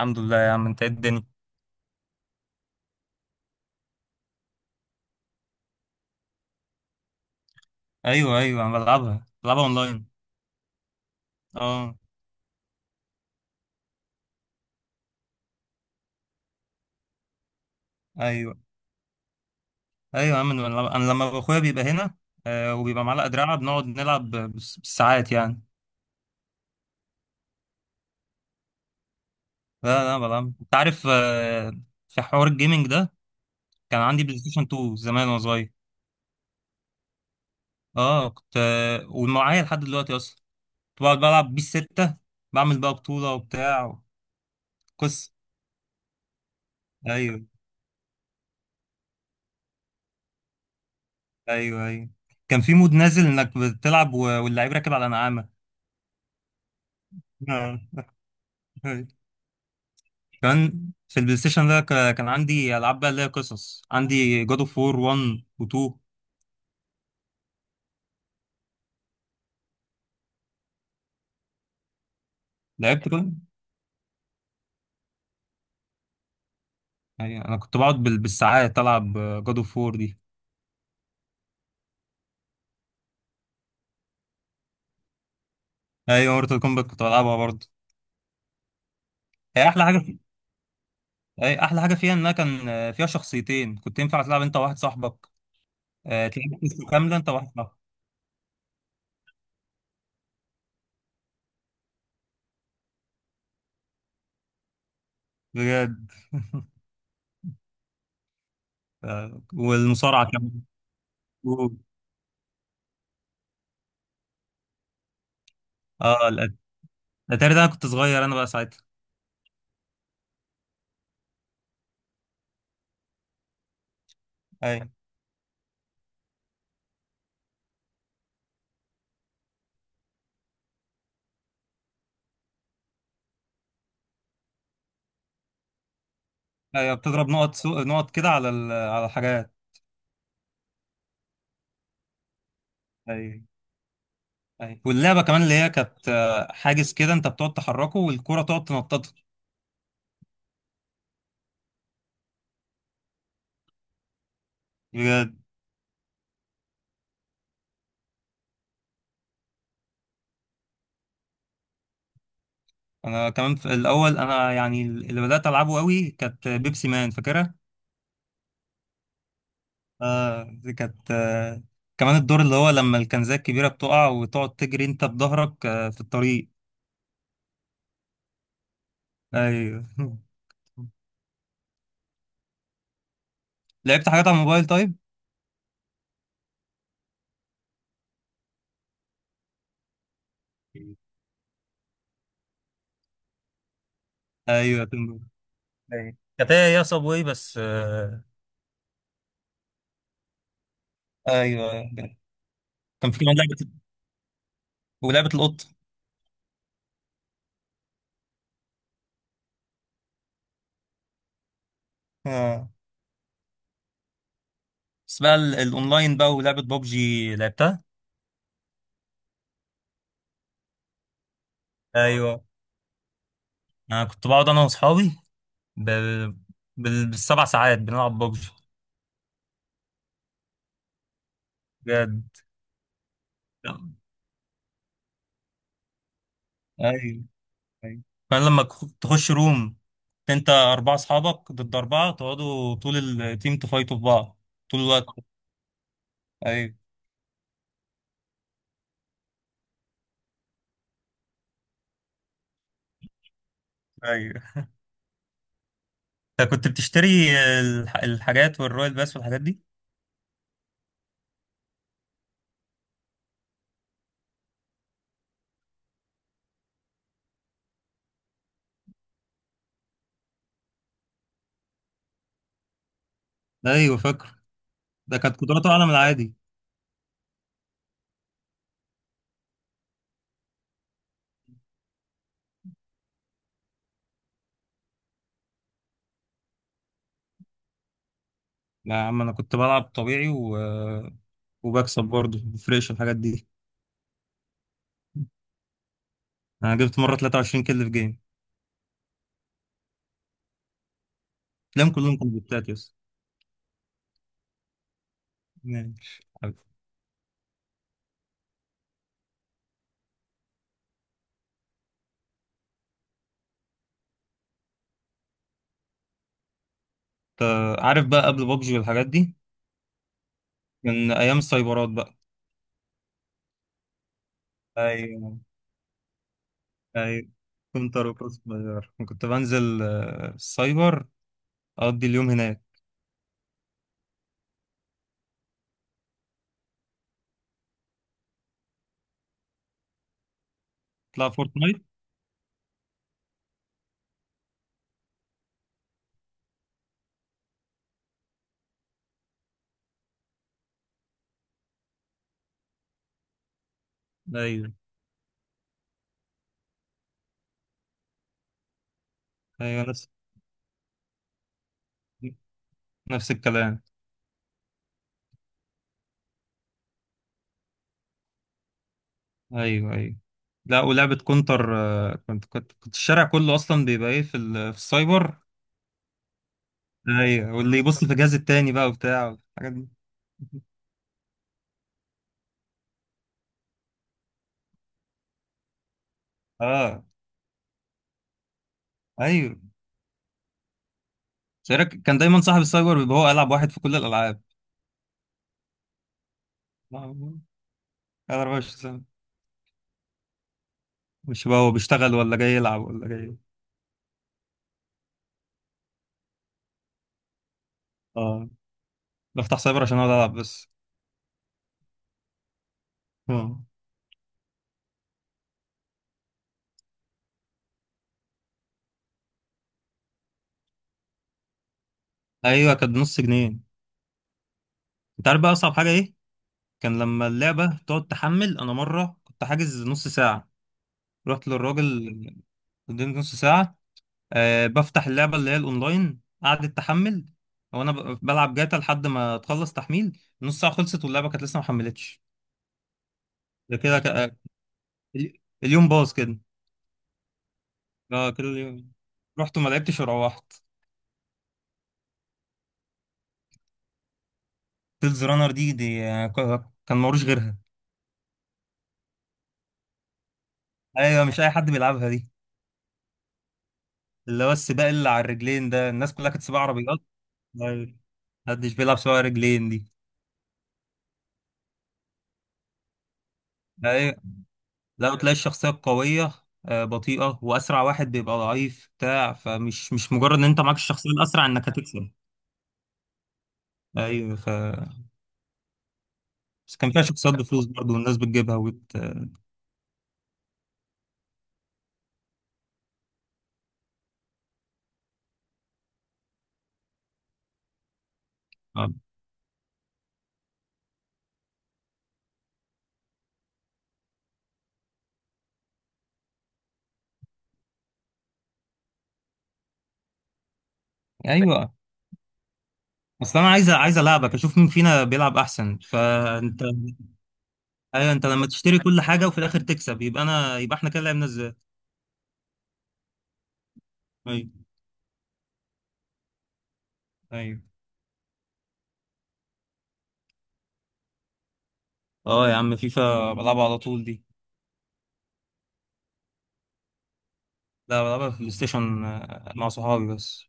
الحمد لله يا عم. انت ايه الدنيا؟ ايوه، ايوه، انا بلعبها اونلاين. اه. ايوه، ايوه يا عم. انا لما اخويا بيبقى هنا، وبيبقى معلقه دراعه بنقعد نلعب بالساعات يعني. لا، لا، بلعب. انت عارف في حوار الجيمنج ده. كان عندي بلاي ستيشن 2 زمان وانا صغير. اه. كنت ومعايا لحد دلوقتي اصلا. كنت بقعد بلعب بيه الستة. بعمل بقى بطوله وبتاع. قصه. ايوه، ايوه، ايوه. كان في مود نازل انك بتلعب واللعيب راكب على نعامه. آه. كمان في البلاي ستيشن ده كان عندي العاب بقى، اللي هي قصص، عندي جاد اوف وور 1 و2. لعبت كده. يعني انا كنت بقعد بالساعات العب جاد اوف وور دي. ايوه، مورتال كومبات كنت بلعبها برضه. هي احلى حاجه في... هي احلى حاجه فيها، انها كان فيها شخصيتين كنت ينفع تلعب انت وواحد صاحبك. تلعب قصه كامله انت وواحد صاحبك. بجد. والمصارعه كمان. اه. الاتاري ده انا كنت صغير انا بقى ساعتها. ايوه، ايوه. بتضرب نقط نقط كده على على الحاجات. ايوه. أيوة. واللعبه كمان اللي هي كانت حاجز كده، انت بتقعد تحركه والكوره تقعد تنططه. بجد. انا كمان في الاول، انا يعني اللي بدات العبه قوي كانت بيبسي مان فاكرها. دي كانت كمان الدور اللي هو لما الكنزات الكبيره بتقع وتقعد تجري انت بظهرك في الطريق. ايوه. لعبت حاجات على الموبايل طيب؟ ايوه. ايوه، كانت هي يا صابواي بس ايوه، كان في كمان لعبه، ولعبه القط. بس بقى الاونلاين بقى، ولعبة بابجي لعبتها. ايوه. انا كنت بقعد انا واصحابي بال... بالسبع ساعات بنلعب بابجي. بجد. ايوه، ايوه. فانا لما تخش روم، انت اربعة اصحابك ضد اربعة، تقعدوا طول التيم تفايتوا في بعض. طول الوقت. ايوه. ايوه. انت كنت بتشتري الحاجات والرويال باس والحاجات دي؟ ايوه، فاكر. ده كانت قدراته اعلى من العادي. لا يا عم، انا كنت بلعب طبيعي وبكسب برضه، مفرقش الحاجات دي. انا جبت مره 23 كل في جيم. تلاقيهم كلهم كومبليتات، يس. ماشي حبيبي. انت عارف بقى قبل بابجي والحاجات دي؟ كان ايام السايبرات بقى. ايوه. ايوه. كنت اروح صغير، كنت بنزل السايبر، اقضي اليوم هناك. تلعب فورتنايت؟ ايوه، ايوه. نفس الكلام. ايوه، ايوه. لا، ولعبه كونتر كنت الشارع كله اصلا بيبقى ايه في في السايبر. ايوه، واللي يبص في الجهاز التاني بقى وبتاع الحاجات دي. اه. ايوه. شارك، كان دايما صاحب السايبر بيبقى هو ألعب واحد في كل الألعاب. لا، هو قاعد 24 ساعة. مش بقى هو بيشتغل ولا جاي يلعب ولا جاي. اه. بفتح سايبر عشان اقعد العب بس. اه. ايوه، كانت بنص جنيه. انت عارف بقى اصعب حاجه ايه؟ كان لما اللعبه تقعد تحمل. انا مره كنت حاجز نص ساعه. رحت للراجل، اديني نص ساعه. بفتح اللعبه اللي هي الاونلاين، قعدت تحمل. وانا بلعب جاتا لحد ما تخلص تحميل نص ساعه، خلصت واللعبه كانت لسه ما حملتش. ده كده. اليوم باظ كده. اه، كده اليوم رحت وما لعبتش وروحت. تيلز رانر دي كان ملوش غيرها. ايوه، مش اي حد بيلعبها دي. اللي هو السباق اللي على الرجلين ده، الناس كلها كانت سباق عربيات. أيوة. محدش بيلعب سباق رجلين دي. ايوه. لا، تلاقي الشخصيه القويه بطيئه، واسرع واحد بيبقى ضعيف بتاع، فمش مش مجرد ان انت معاك الشخصيه الاسرع انك هتكسب. ايوه. بس كان فيها شخصيات بفلوس برضه، والناس بتجيبها آه. ايوه. اصل انا عايز العبك اشوف مين فينا بيلعب احسن، فانت. ايوه. انت لما تشتري كل حاجه وفي الاخر تكسب، يبقى احنا كده لعبنا ازاي؟ ايوه، ايوه. اه يا عم، فيفا بلعبها على طول دي. لا، بلعبها في البلاي ستيشن مع صحابي بس.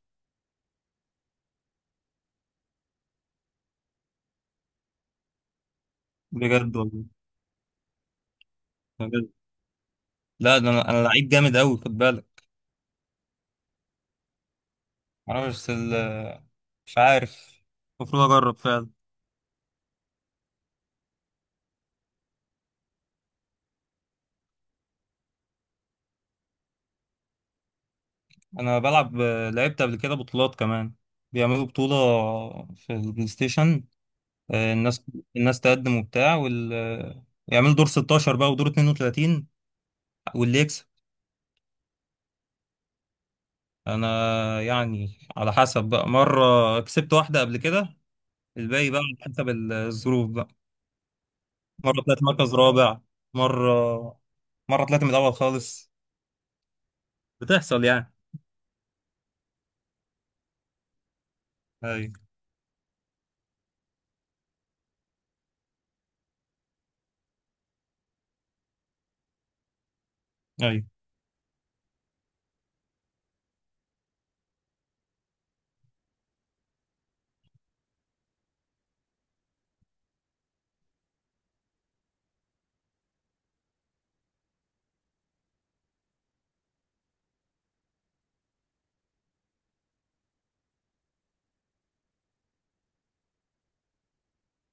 بجد والله؟ بجد؟ لا ده انا لعيب جامد قوي، خد بالك. معرفش بس مش عارف. المفروض اجرب فعلا. انا بلعب لعبت قبل كده بطولات كمان. بيعملوا بطوله في البلاي ستيشن. الناس، الناس تقدم وبتاع، وال آه، يعملوا دور 16 بقى ودور 32، واللي يكسب. انا يعني على حسب بقى. مره كسبت واحده قبل كده. الباقي بقى على حسب الظروف بقى. مره طلعت مركز رابع. مره، مره طلعت من الاول خالص. بتحصل يعني. اي، اي.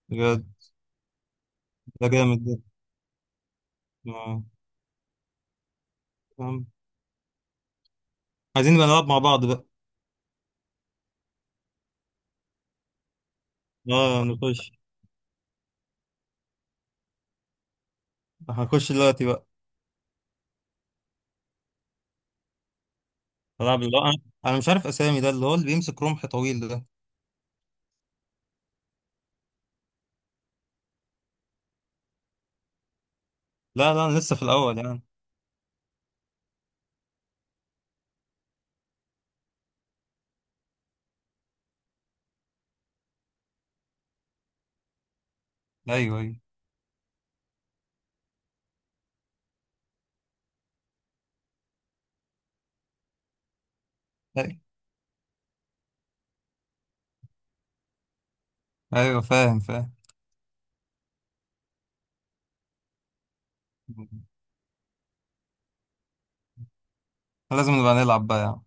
بجد، ده جامد ده. آه. آم. عايزين نبقى نلعب مع بعض بقى. اه، نخش. هنخش دلوقتي بقى. نلعب اللي هو انا. أنا مش عارف اسامي، ده اللي هو اللي بيمسك رمح طويل ده. لا، لا، انا لسه في الاول يعني. ايوه، ايوه. ايوه. أيوة، فاهم، فاهم. لازم نبقى نلعب بقى يعني.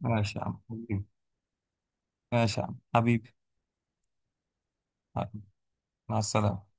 ماشي يا عم. ماشي يا عم حبيبي. مع السلامة.